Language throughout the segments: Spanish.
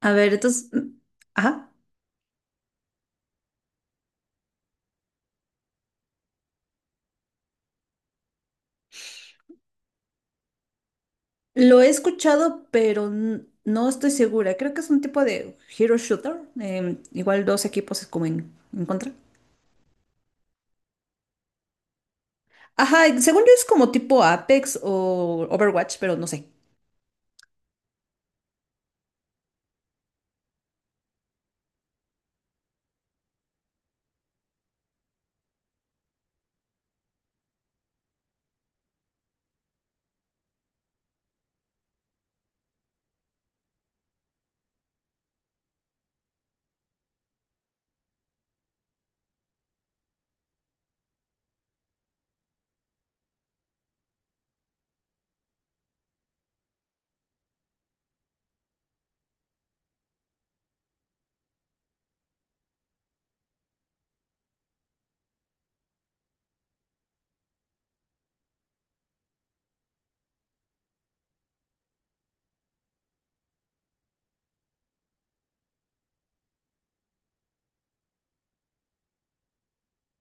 A ver, entonces, ajá, lo he escuchado, pero no estoy segura. Creo que es un tipo de hero shooter. Igual dos equipos es como en contra. Ajá, y según yo es como tipo Apex o Overwatch, pero no sé.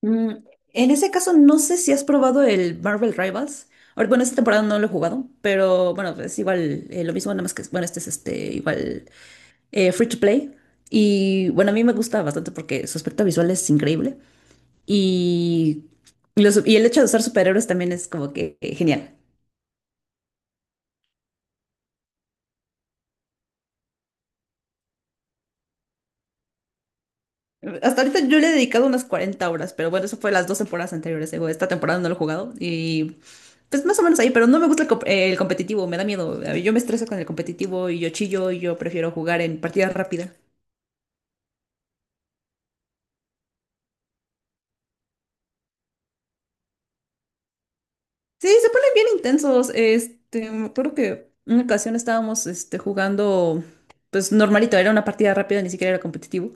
Mm, en ese caso, no sé si has probado el Marvel Rivals. Bueno, esta temporada no lo he jugado, pero bueno, es igual, lo mismo, nada más que, bueno, este es este, igual, free to play. Y bueno, a mí me gusta bastante porque su aspecto visual es increíble. Y, y el hecho de usar superhéroes también es como que genial. Hasta ahorita yo le he dedicado unas 40 horas, pero bueno, eso fue las dos temporadas anteriores. Esta temporada no lo he jugado y pues más o menos ahí, pero no me gusta el competitivo, me da miedo. Yo me estreso con el competitivo y yo chillo y yo prefiero jugar en partida rápida. Sí, se ponen bien intensos. Este, me acuerdo que una ocasión estábamos este, jugando, pues normalito, era una partida rápida, ni siquiera era competitivo.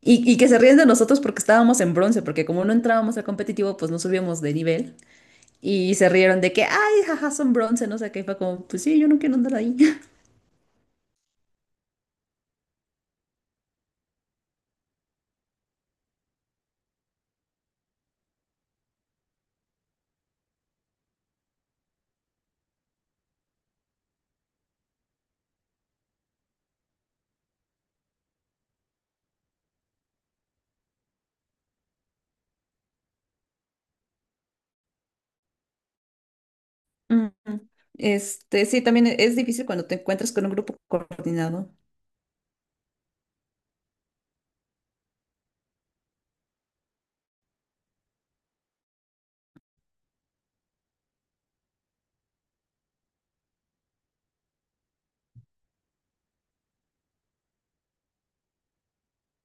Y que se ríen de nosotros porque estábamos en bronce, porque como no entrábamos al competitivo, pues no subíamos de nivel. Y se rieron de que, ay, jaja, son bronce, no sé qué. Y fue como, pues sí, yo no quiero andar ahí. Ujú. Este, sí, también es difícil cuando te encuentras con un grupo coordinado.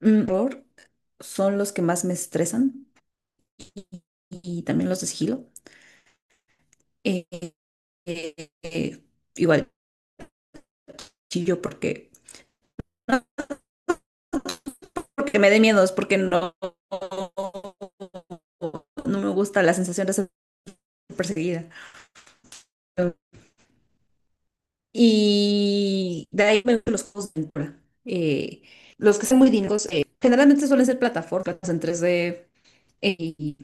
Mm, horror son los que más me estresan y también los de sigilo. Eh, eh, Igual chillo porque, porque me da miedo, es porque no me gusta la sensación de ser perseguida. Y de ahí me gustan los juegos de aventura. Los que son muy dinámicos, generalmente suelen ser plataformas en 3D eh, y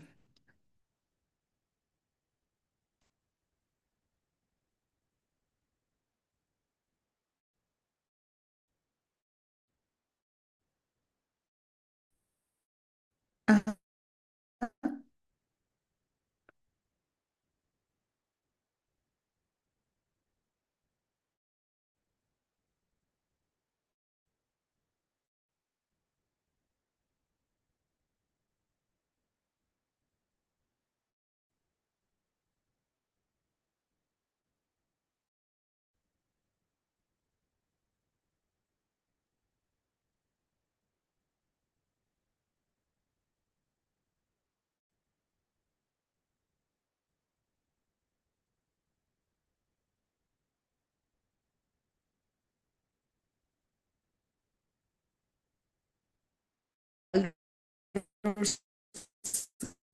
Baldur's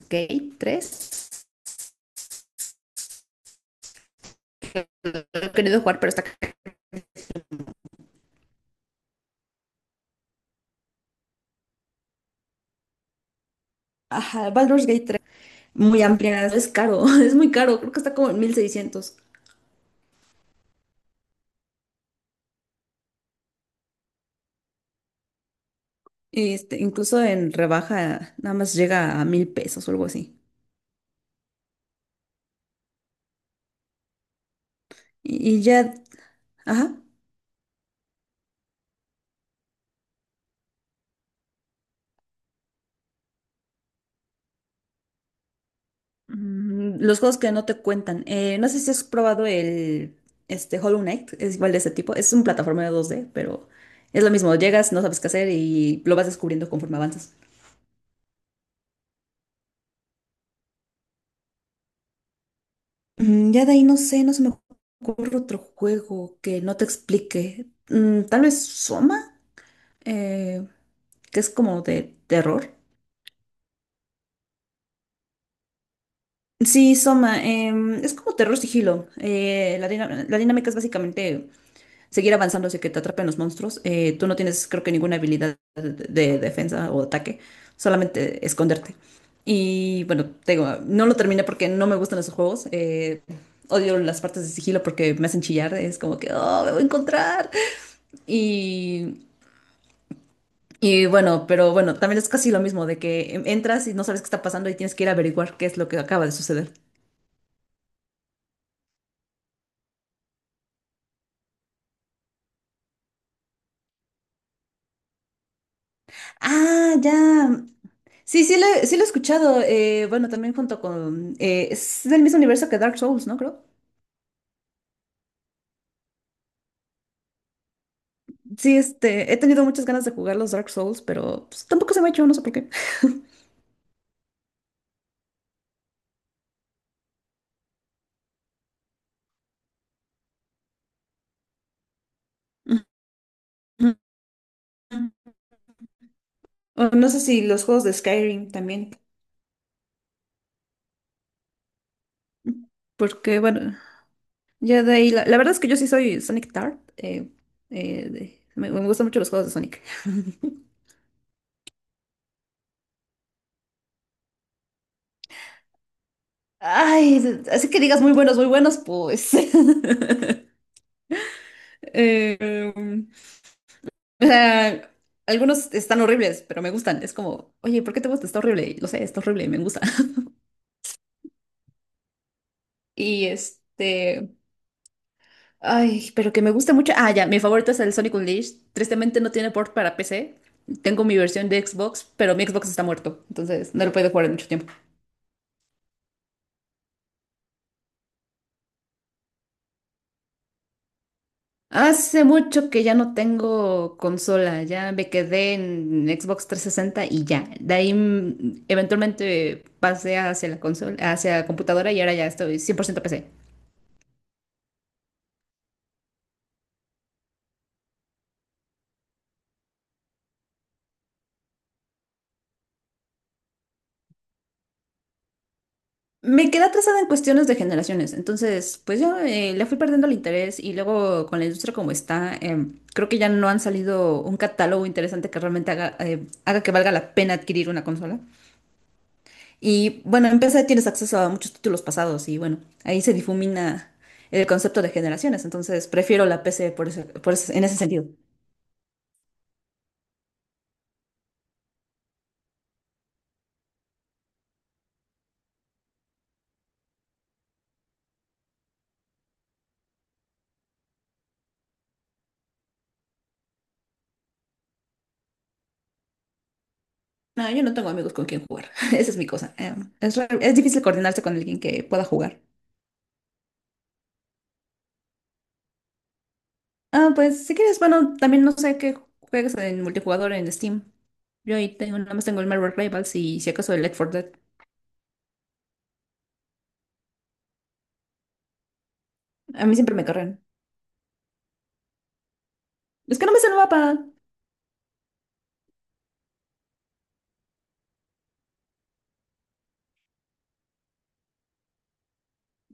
Gate 3, lo he querido jugar, pero está caro. Ajá, Baldur's Gate tres muy amplia, es caro, es muy caro, creo que está como en 1600. Este, incluso en rebaja, nada más llega a 1000 pesos o algo así. Y, y ya, ajá. Mm, los juegos que no te cuentan. No sé si has probado el Hollow Knight, es igual de ese tipo. Es un plataformero 2D pero es lo mismo. Llegas, no sabes qué hacer y lo vas descubriendo conforme avanzas. Mm, ya de ahí no sé, no se me ocurre otro juego que no te explique. Mm, tal vez Soma, eh, que es como de terror. Sí, Soma, es como terror sigilo. La dinámica es básicamente seguir avanzando hacia que te atrapen los monstruos. Tú no tienes, creo que, ninguna habilidad de defensa o ataque, solamente esconderte. Y bueno, te digo, no lo terminé porque no me gustan esos juegos. Odio las partes de sigilo porque me hacen chillar. Es como que, oh, me voy a encontrar. Y, y bueno, pero bueno, también es casi lo mismo de que entras y no sabes qué está pasando y tienes que ir a averiguar qué es lo que acaba de suceder. Ah, ya. Sí, sí lo he escuchado. Bueno, también junto con... es del mismo universo que Dark Souls, ¿no? Creo. Sí, este, he tenido muchas ganas de jugar los Dark Souls, pero pues, tampoco se me ha hecho, no sé por qué. Ujú. O no sé si los juegos de Skyrim también. Porque, bueno, ya de ahí... la verdad es que yo sí soy Sonic Tart. Me gustan mucho los juegos de Sonic. Ay, así que digas muy buenos, pues. Eh, O sea, Algunos están horribles, pero me gustan. Es como, oye, ¿por qué te gusta? Está horrible. Lo sé, está horrible, me gusta. Y este. Ay, pero que me gusta mucho. Ah, ya, mi favorito es el Sonic Unleashed. Tristemente no tiene port para PC. Tengo mi versión de Xbox, pero mi Xbox está muerto. Entonces no lo puedo jugar en mucho tiempo. Hace mucho que ya no tengo consola. Ya me quedé en Xbox 360 y ya. De ahí mm, eventualmente pasé hacia la consola, hacia computadora y ahora ya estoy 100% PC. Me quedé atrasada en cuestiones de generaciones, entonces pues yo le fui perdiendo el interés y luego con la industria como está, creo que ya no han salido un catálogo interesante que realmente haga que valga la pena adquirir una consola. Y bueno, en PC tienes acceso a muchos títulos pasados y bueno, ahí se difumina el concepto de generaciones, entonces prefiero la PC en ese sentido. No, yo no tengo amigos con quien jugar, esa es mi cosa. Es difícil coordinarse con alguien que pueda jugar. Ah, pues si quieres, bueno, también no sé qué juegas en multijugador en Steam. Yo ahí tengo, nada más tengo el Marvel Rivals y si acaso el Left 4 Dead. A mí siempre me cargan. Es que no me sé el mapa.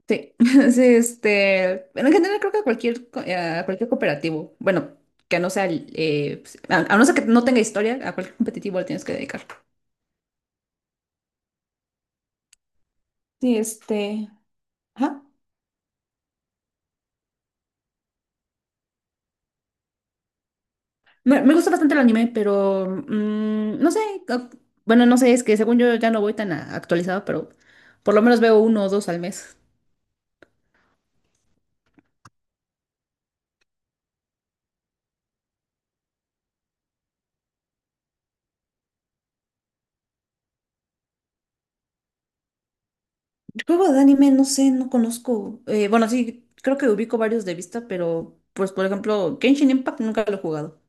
Sí, sí, este, pero en general creo que a cualquier, a cualquier cooperativo, bueno, que no sea, pues, a no ser que no tenga historia, a cualquier competitivo le tienes que dedicar. Sí, este, ajá. Me gusta bastante el anime, pero mm, no sé, o- bueno, no sé, es que según yo ya no voy tan actualizado, pero por lo menos veo uno o dos al mes. Juego de anime, no sé, no conozco. Bueno, sí, creo que ubico varios de vista, pero pues por ejemplo, Genshin Impact nunca lo he jugado.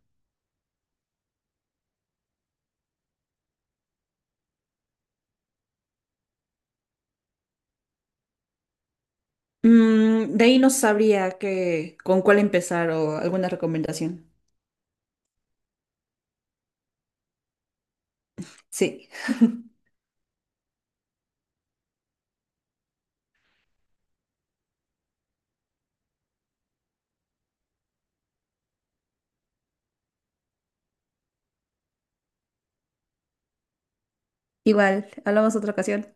Mm, de ahí no sabría qué, con cuál empezar o alguna recomendación. Sí. Igual, hablamos otra ocasión.